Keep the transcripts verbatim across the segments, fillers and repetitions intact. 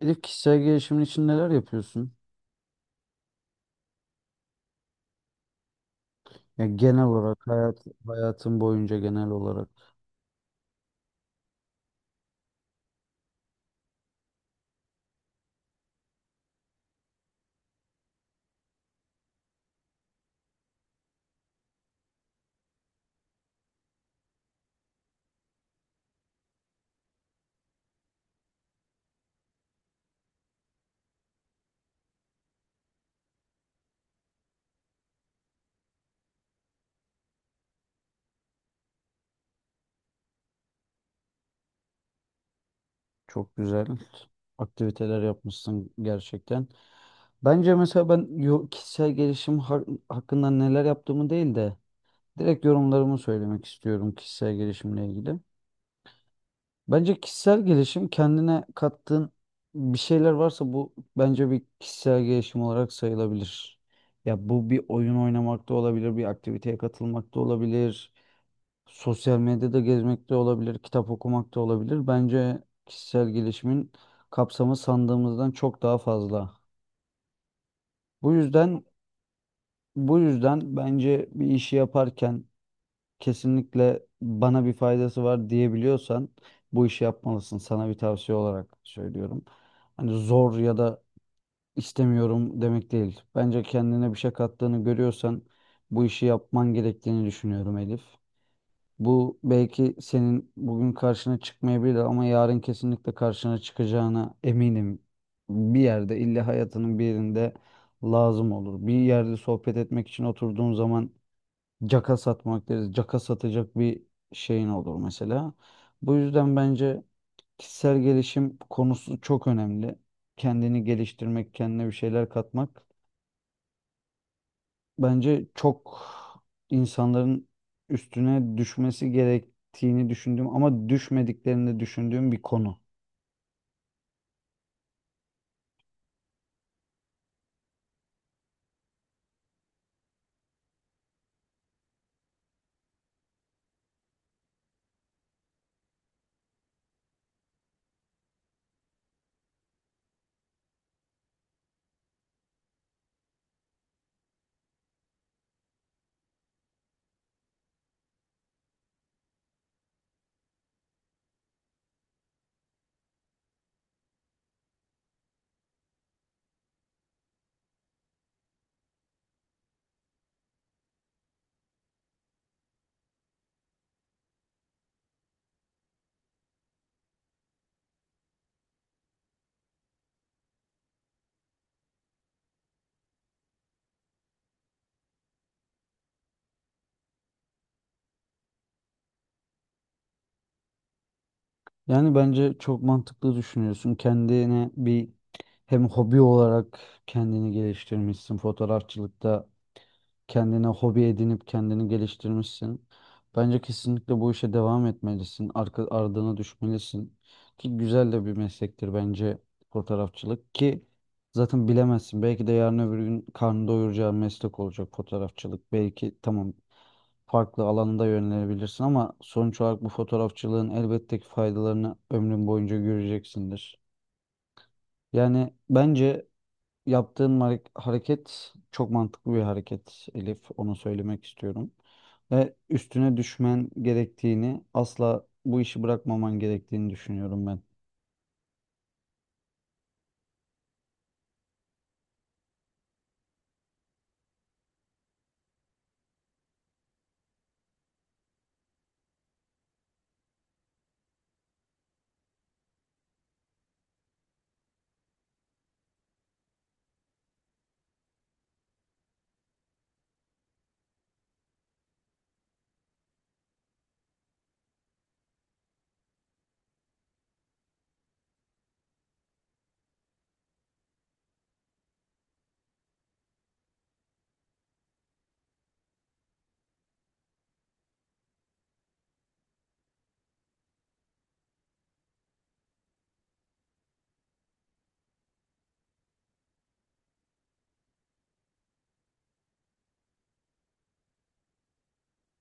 Elif, kişisel gelişimin için neler yapıyorsun? Ya genel olarak hayat, hayatın boyunca genel olarak çok güzel aktiviteler yapmışsın gerçekten. Bence mesela ben yo- kişisel gelişim ha- hakkında neler yaptığımı değil de direkt yorumlarımı söylemek istiyorum kişisel gelişimle ilgili. Bence kişisel gelişim kendine kattığın bir şeyler varsa bu bence bir kişisel gelişim olarak sayılabilir. Ya bu bir oyun oynamak da olabilir, bir aktiviteye katılmak da olabilir. Sosyal medyada gezmek de olabilir, kitap okumak da olabilir. Bence kişisel gelişimin kapsamı sandığımızdan çok daha fazla. Bu yüzden bu yüzden bence bir işi yaparken kesinlikle bana bir faydası var diyebiliyorsan bu işi yapmalısın. Sana bir tavsiye olarak söylüyorum. Hani zor ya da istemiyorum demek değil. Bence kendine bir şey kattığını görüyorsan bu işi yapman gerektiğini düşünüyorum Elif. Bu belki senin bugün karşına çıkmayabilir ama yarın kesinlikle karşına çıkacağına eminim. Bir yerde illa hayatının bir yerinde lazım olur. Bir yerde sohbet etmek için oturduğun zaman caka satmak deriz. Caka satacak bir şeyin olur mesela. Bu yüzden bence kişisel gelişim konusu çok önemli. Kendini geliştirmek, kendine bir şeyler katmak bence çok insanların üstüne düşmesi gerektiğini düşündüğüm ama düşmediklerini de düşündüğüm bir konu. Yani bence çok mantıklı düşünüyorsun. Kendine bir hem hobi olarak kendini geliştirmişsin fotoğrafçılıkta. Kendine hobi edinip kendini geliştirmişsin. Bence kesinlikle bu işe devam etmelisin. Arka, ardına düşmelisin. Ki güzel de bir meslektir bence fotoğrafçılık, ki zaten bilemezsin. Belki de yarın öbür gün karnı doyuracağın meslek olacak fotoğrafçılık. Belki tamam, farklı alanda yönelebilirsin ama sonuç olarak bu fotoğrafçılığın elbette ki faydalarını ömrün boyunca göreceksindir. Yani bence yaptığın hare- hareket çok mantıklı bir hareket Elif. Onu söylemek istiyorum. Ve üstüne düşmen gerektiğini, asla bu işi bırakmaman gerektiğini düşünüyorum ben.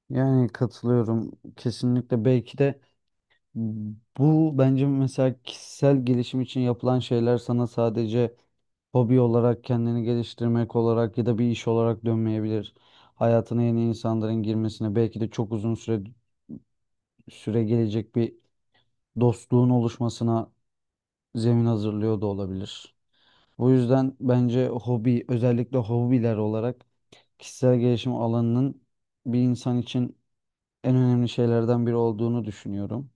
Yani katılıyorum kesinlikle. Belki de bu bence mesela kişisel gelişim için yapılan şeyler sana sadece hobi olarak kendini geliştirmek olarak ya da bir iş olarak dönmeyebilir. Hayatına yeni insanların girmesine, belki de çok uzun süre süre gelecek bir dostluğun oluşmasına zemin hazırlıyor da olabilir. Bu yüzden bence hobi, özellikle hobiler olarak kişisel gelişim alanının bir insan için en önemli şeylerden biri olduğunu düşünüyorum.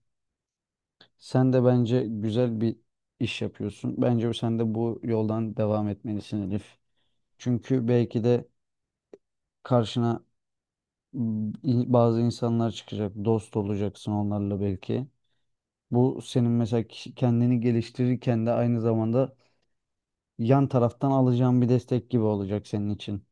Sen de bence güzel bir iş yapıyorsun. Bence sen de bu yoldan devam etmelisin Elif. Çünkü belki de karşına in- bazı insanlar çıkacak, dost olacaksın onlarla belki. Bu senin mesela ki- kendini geliştirirken de aynı zamanda yan taraftan alacağın bir destek gibi olacak senin için.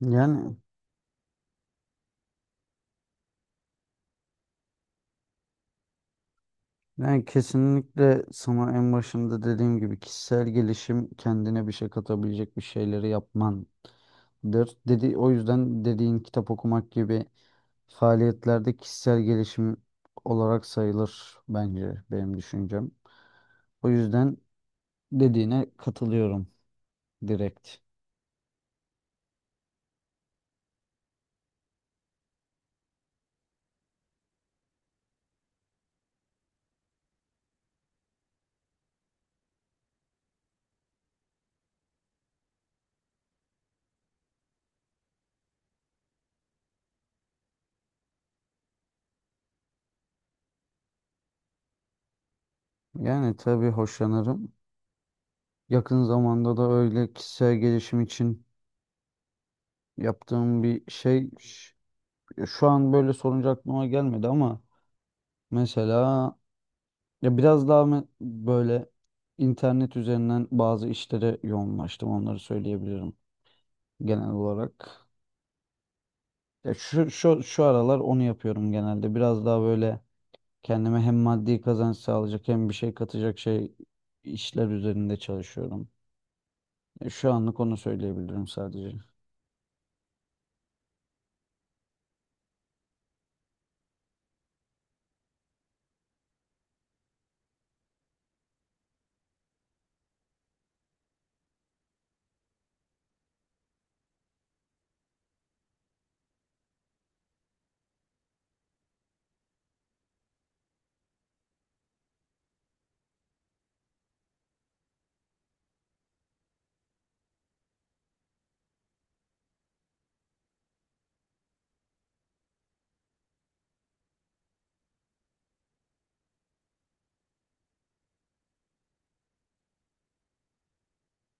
Yani, yani kesinlikle sana en başında dediğim gibi kişisel gelişim kendine bir şey katabilecek bir şeyleri yapmandır. Dedi, o yüzden dediğin kitap okumak gibi faaliyetlerde kişisel gelişim olarak sayılır bence, benim düşüncem. O yüzden dediğine katılıyorum direkt. Yani tabii hoşlanırım. Yakın zamanda da öyle kişisel gelişim için yaptığım bir şey, ya şu an böyle sorunca aklıma gelmedi ama mesela ya biraz daha me- böyle internet üzerinden bazı işlere yoğunlaştım, onları söyleyebilirim genel olarak. Ya şu, şu, şu aralar onu yapıyorum genelde. Biraz daha böyle kendime hem maddi kazanç sağlayacak hem bir şey katacak şey işler üzerinde çalışıyorum. Ya şu anlık onu söyleyebilirim sadece.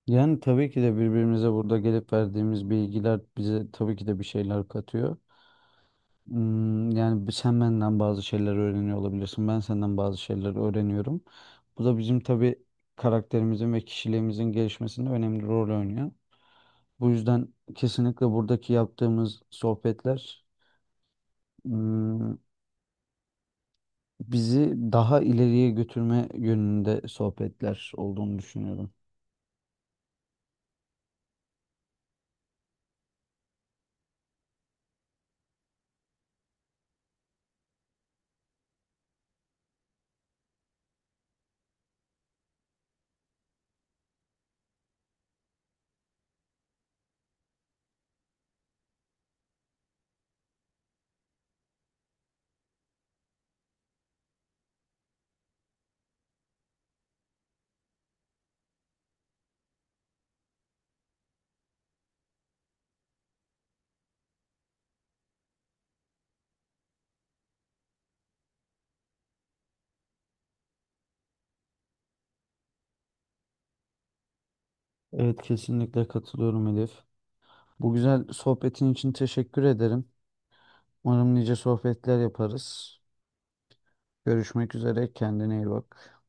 Yani tabii ki de birbirimize burada gelip verdiğimiz bilgiler bize tabii ki de bir şeyler katıyor. Hmm, yani sen benden bazı şeyler öğreniyor olabilirsin. Ben senden bazı şeyler öğreniyorum. Bu da bizim tabii karakterimizin ve kişiliğimizin gelişmesinde önemli rol oynuyor. Bu yüzden kesinlikle buradaki yaptığımız sohbetler, hmm, bizi daha ileriye götürme yönünde sohbetler olduğunu düşünüyorum. Evet, kesinlikle katılıyorum Elif. Bu güzel sohbetin için teşekkür ederim. Umarım nice sohbetler yaparız. Görüşmek üzere. Kendine iyi bak.